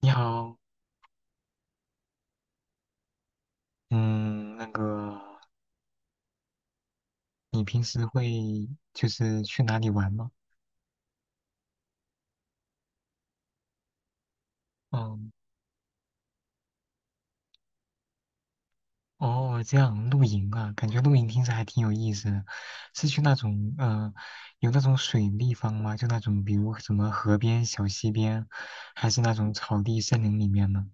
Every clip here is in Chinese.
你好，嗯，那个，你平时会就是去哪里玩吗？嗯，哦，这样露营啊，感觉露营听着还挺有意思的，是去那种有那种水地方吗？就那种比如什么河边、小溪边，还是那种草地、森林里面呢？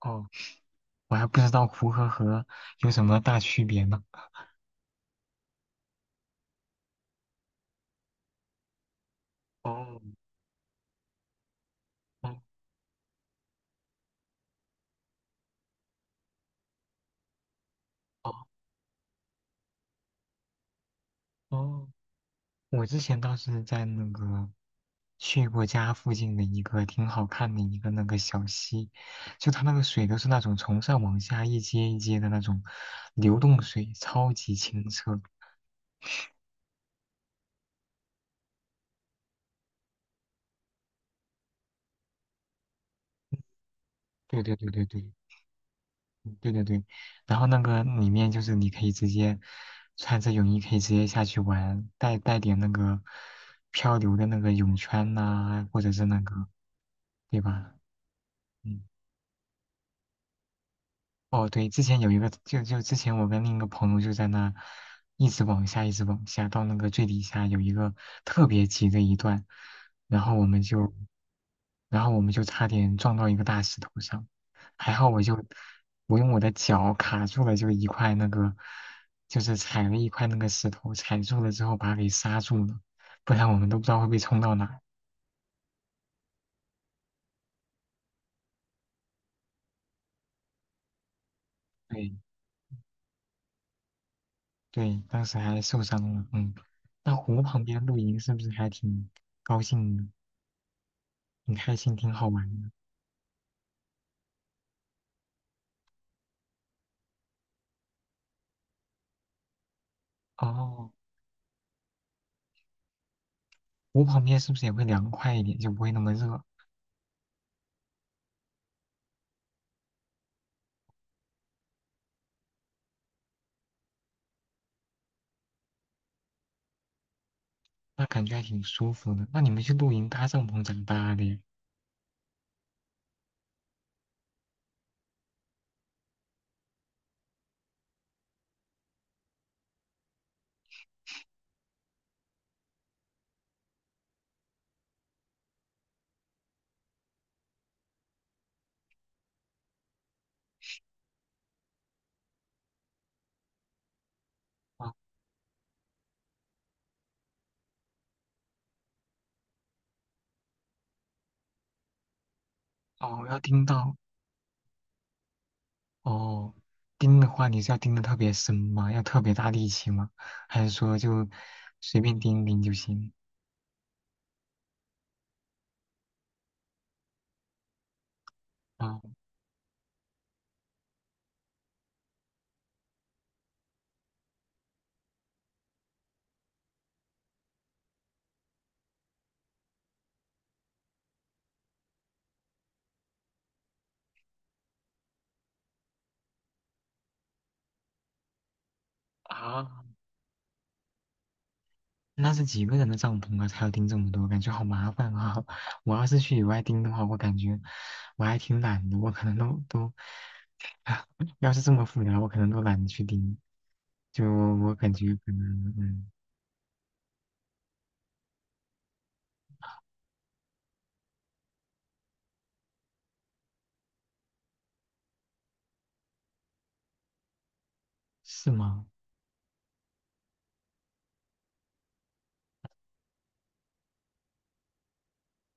哦，我还不知道湖和河有什么大区别呢。哦，哦哦哦。我之前倒是在那个去过家附近的一个挺好看的一个那个小溪，就它那个水都是那种从上往下一阶一阶的那种流动水，超级清澈。对对对对对对对对，然后那个里面就是你可以直接穿着泳衣可以直接下去玩，带点那个漂流的那个泳圈呐、或者是那个，对吧？嗯。哦，对，之前有一个，就之前我跟另一个朋友就在那一直往下，一直往下，到那个最底下有一个特别急的一段，然后我们就，然后我们就差点撞到一个大石头上，还好我用我的脚卡住了，就一块那个，就是踩了一块那个石头，踩住了之后把它给刹住了，不然我们都不知道会被冲到哪儿。对对，当时还受伤了，嗯。那湖旁边露营是不是还挺高兴的？很开心，挺好玩的。哦，我旁边是不是也会凉快一点，就不会那么热？那感觉还挺舒服的。那你们去露营搭帐篷怎么搭的呀？哦哦，要钉到哦，钉的话你是要钉的特别深吗？要特别大力气吗？还是说就随便钉一钉就行？哦啊，那是几个人的帐篷啊？才要钉这么多，感觉好麻烦啊！我要是去野外钉的话，我感觉我还挺懒的，我可能都。要是这么复杂，我可能都懒得去盯。就我感觉可能，是吗？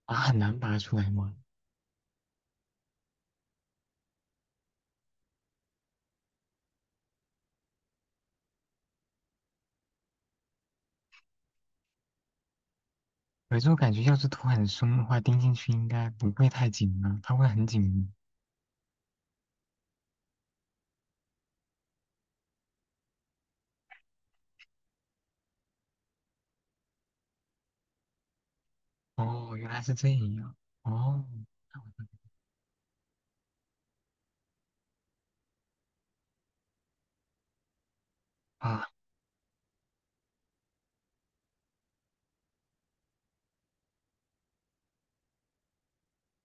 啊，很难拔出来吗？有是我感觉要是头很松的话，钉进去应该不会太紧了，它会很紧密。哦，原来是这样。哦，啊，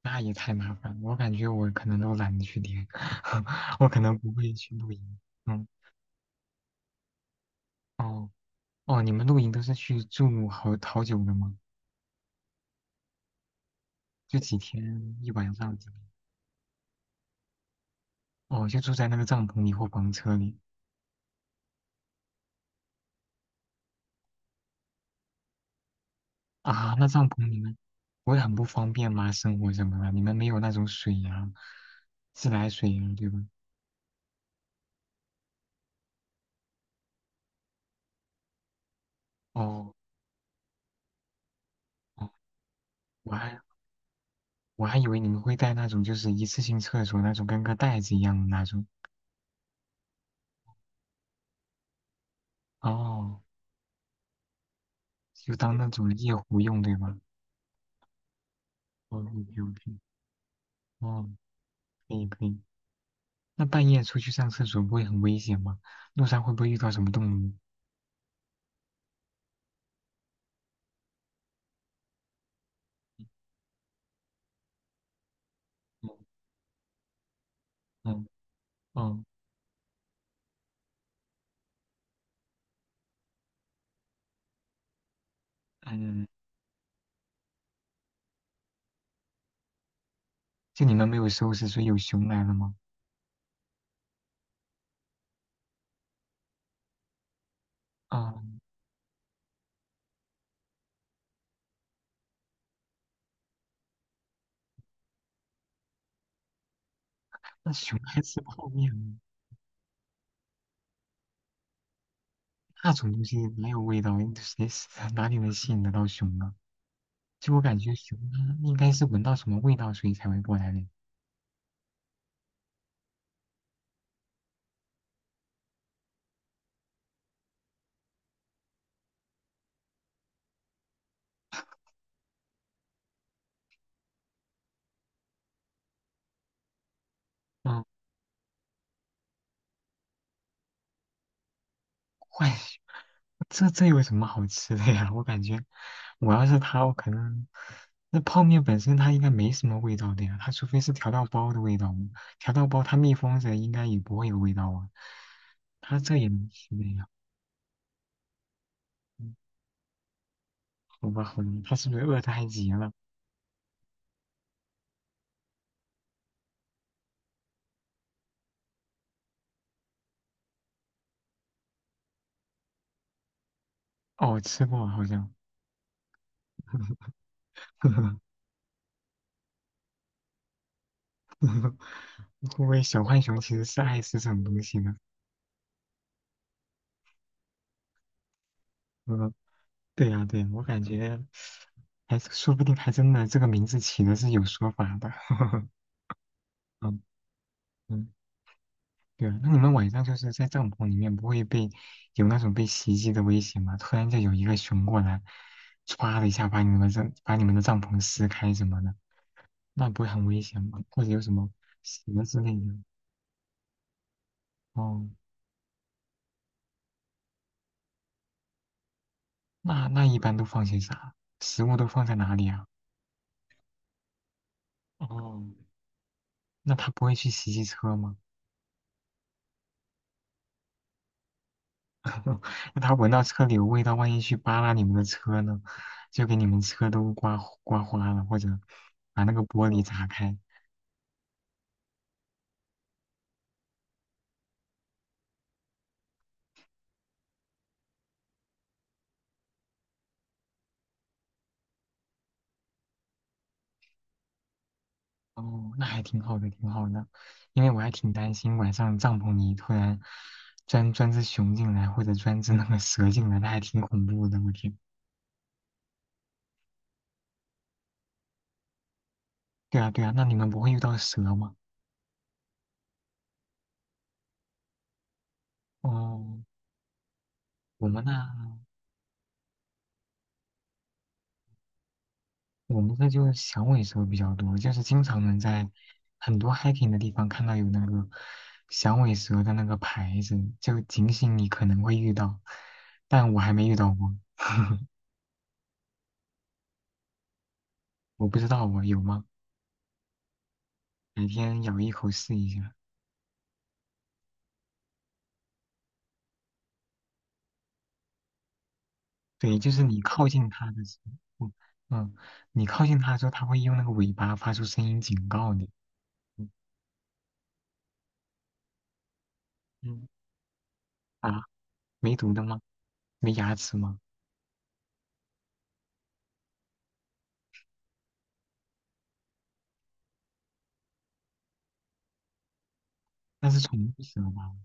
那也太麻烦了，我感觉我可能都懒得去钉，我可能不会去露营。嗯，哦哦，你们露营都是去住好久的吗？就几天一晚上之类的？哦，就住在那个帐篷里或房车里。啊，那帐篷你们不会很不方便吗？生活什么的，你们没有那种水呀、自来水呀、对吧？哦哦，我还我还以为你们会带那种就是一次性厕所那种跟个袋子一样的那种。哦，就当那种夜壶用，对吧？哦，OK OK,哦，可以可以。那半夜出去上厕所不会很危险吗？路上会不会遇到什么动物？嗯嗯嗯嗯，就你们没有收拾，所以有熊来了吗？啊、那熊还吃泡面吗？那种东西没有味道，谁 哪里能吸引得到熊呢？就我感觉熊它应该是闻到什么味道，所以才会过来的。嗯，怪熊这有什么好吃的呀？我感觉我要是它，我可能那泡面本身它应该没什么味道的呀，它除非是调料包的味道嘛，调料包它密封着应该也不会有味道啊。它这也能吃的呀？嗯好吧，好吧，它是不是饿得太急了？哦，吃过好像。会不会小浣熊其实是爱吃这种东西呢？嗯，对呀，对呀，我感觉还是说不定还真的这个名字起的是有说法的。嗯嗯，对啊，那你们晚上就是在帐篷里面不会被有那种被袭击的危险吗？突然就有一个熊过来，歘的一下把你们的帐篷撕开什么的，那不会很危险吗？或者有什么蛇之类的？哦，那一般都放些啥？食物都放在哪里啊？哦，那它不会去袭击车吗？那他闻到车里有味道，万一去扒拉你们的车呢，就给你们车都刮花了，或者把那个玻璃砸开。哦，那还挺好的，挺好的。因为我还挺担心晚上帐篷里突然钻只熊进来，或者钻只那个蛇进来，那还挺恐怖的。我天。对啊，对啊，那你们不会遇到蛇吗？哦，我们那我们这就是响尾蛇比较多，就是经常能在很多 hiking 的地方看到有那个响尾蛇的那个牌子，就警醒你可能会遇到，但我还没遇到过，我不知道我有吗？改天咬一口试一下。对，就是你靠近它的时候，嗯，你靠近它的时候，它会用那个尾巴发出声音警告你。嗯啊，没毒的吗？没牙齿吗？那是宠物蛇吧？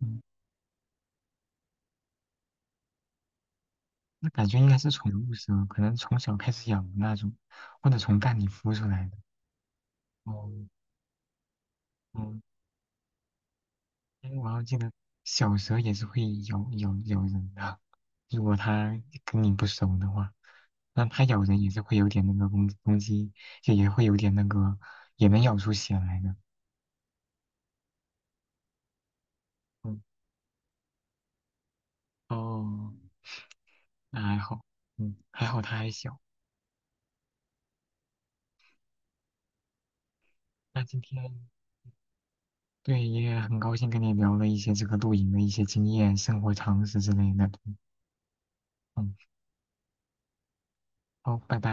嗯。那感觉应该是宠物蛇，可能从小开始养的那种，或者从蛋里孵出来的。哦，嗯，因为我要记得小蛇也是会咬人的，如果它跟你不熟的话，那它咬人也是会有点那个攻击，就也会有点那个，也能咬出血来的。嗯，哦，那还好，嗯，还好它还小。那今天对也很高兴跟你聊了一些这个露营的一些经验、生活常识之类的。嗯，好，拜拜。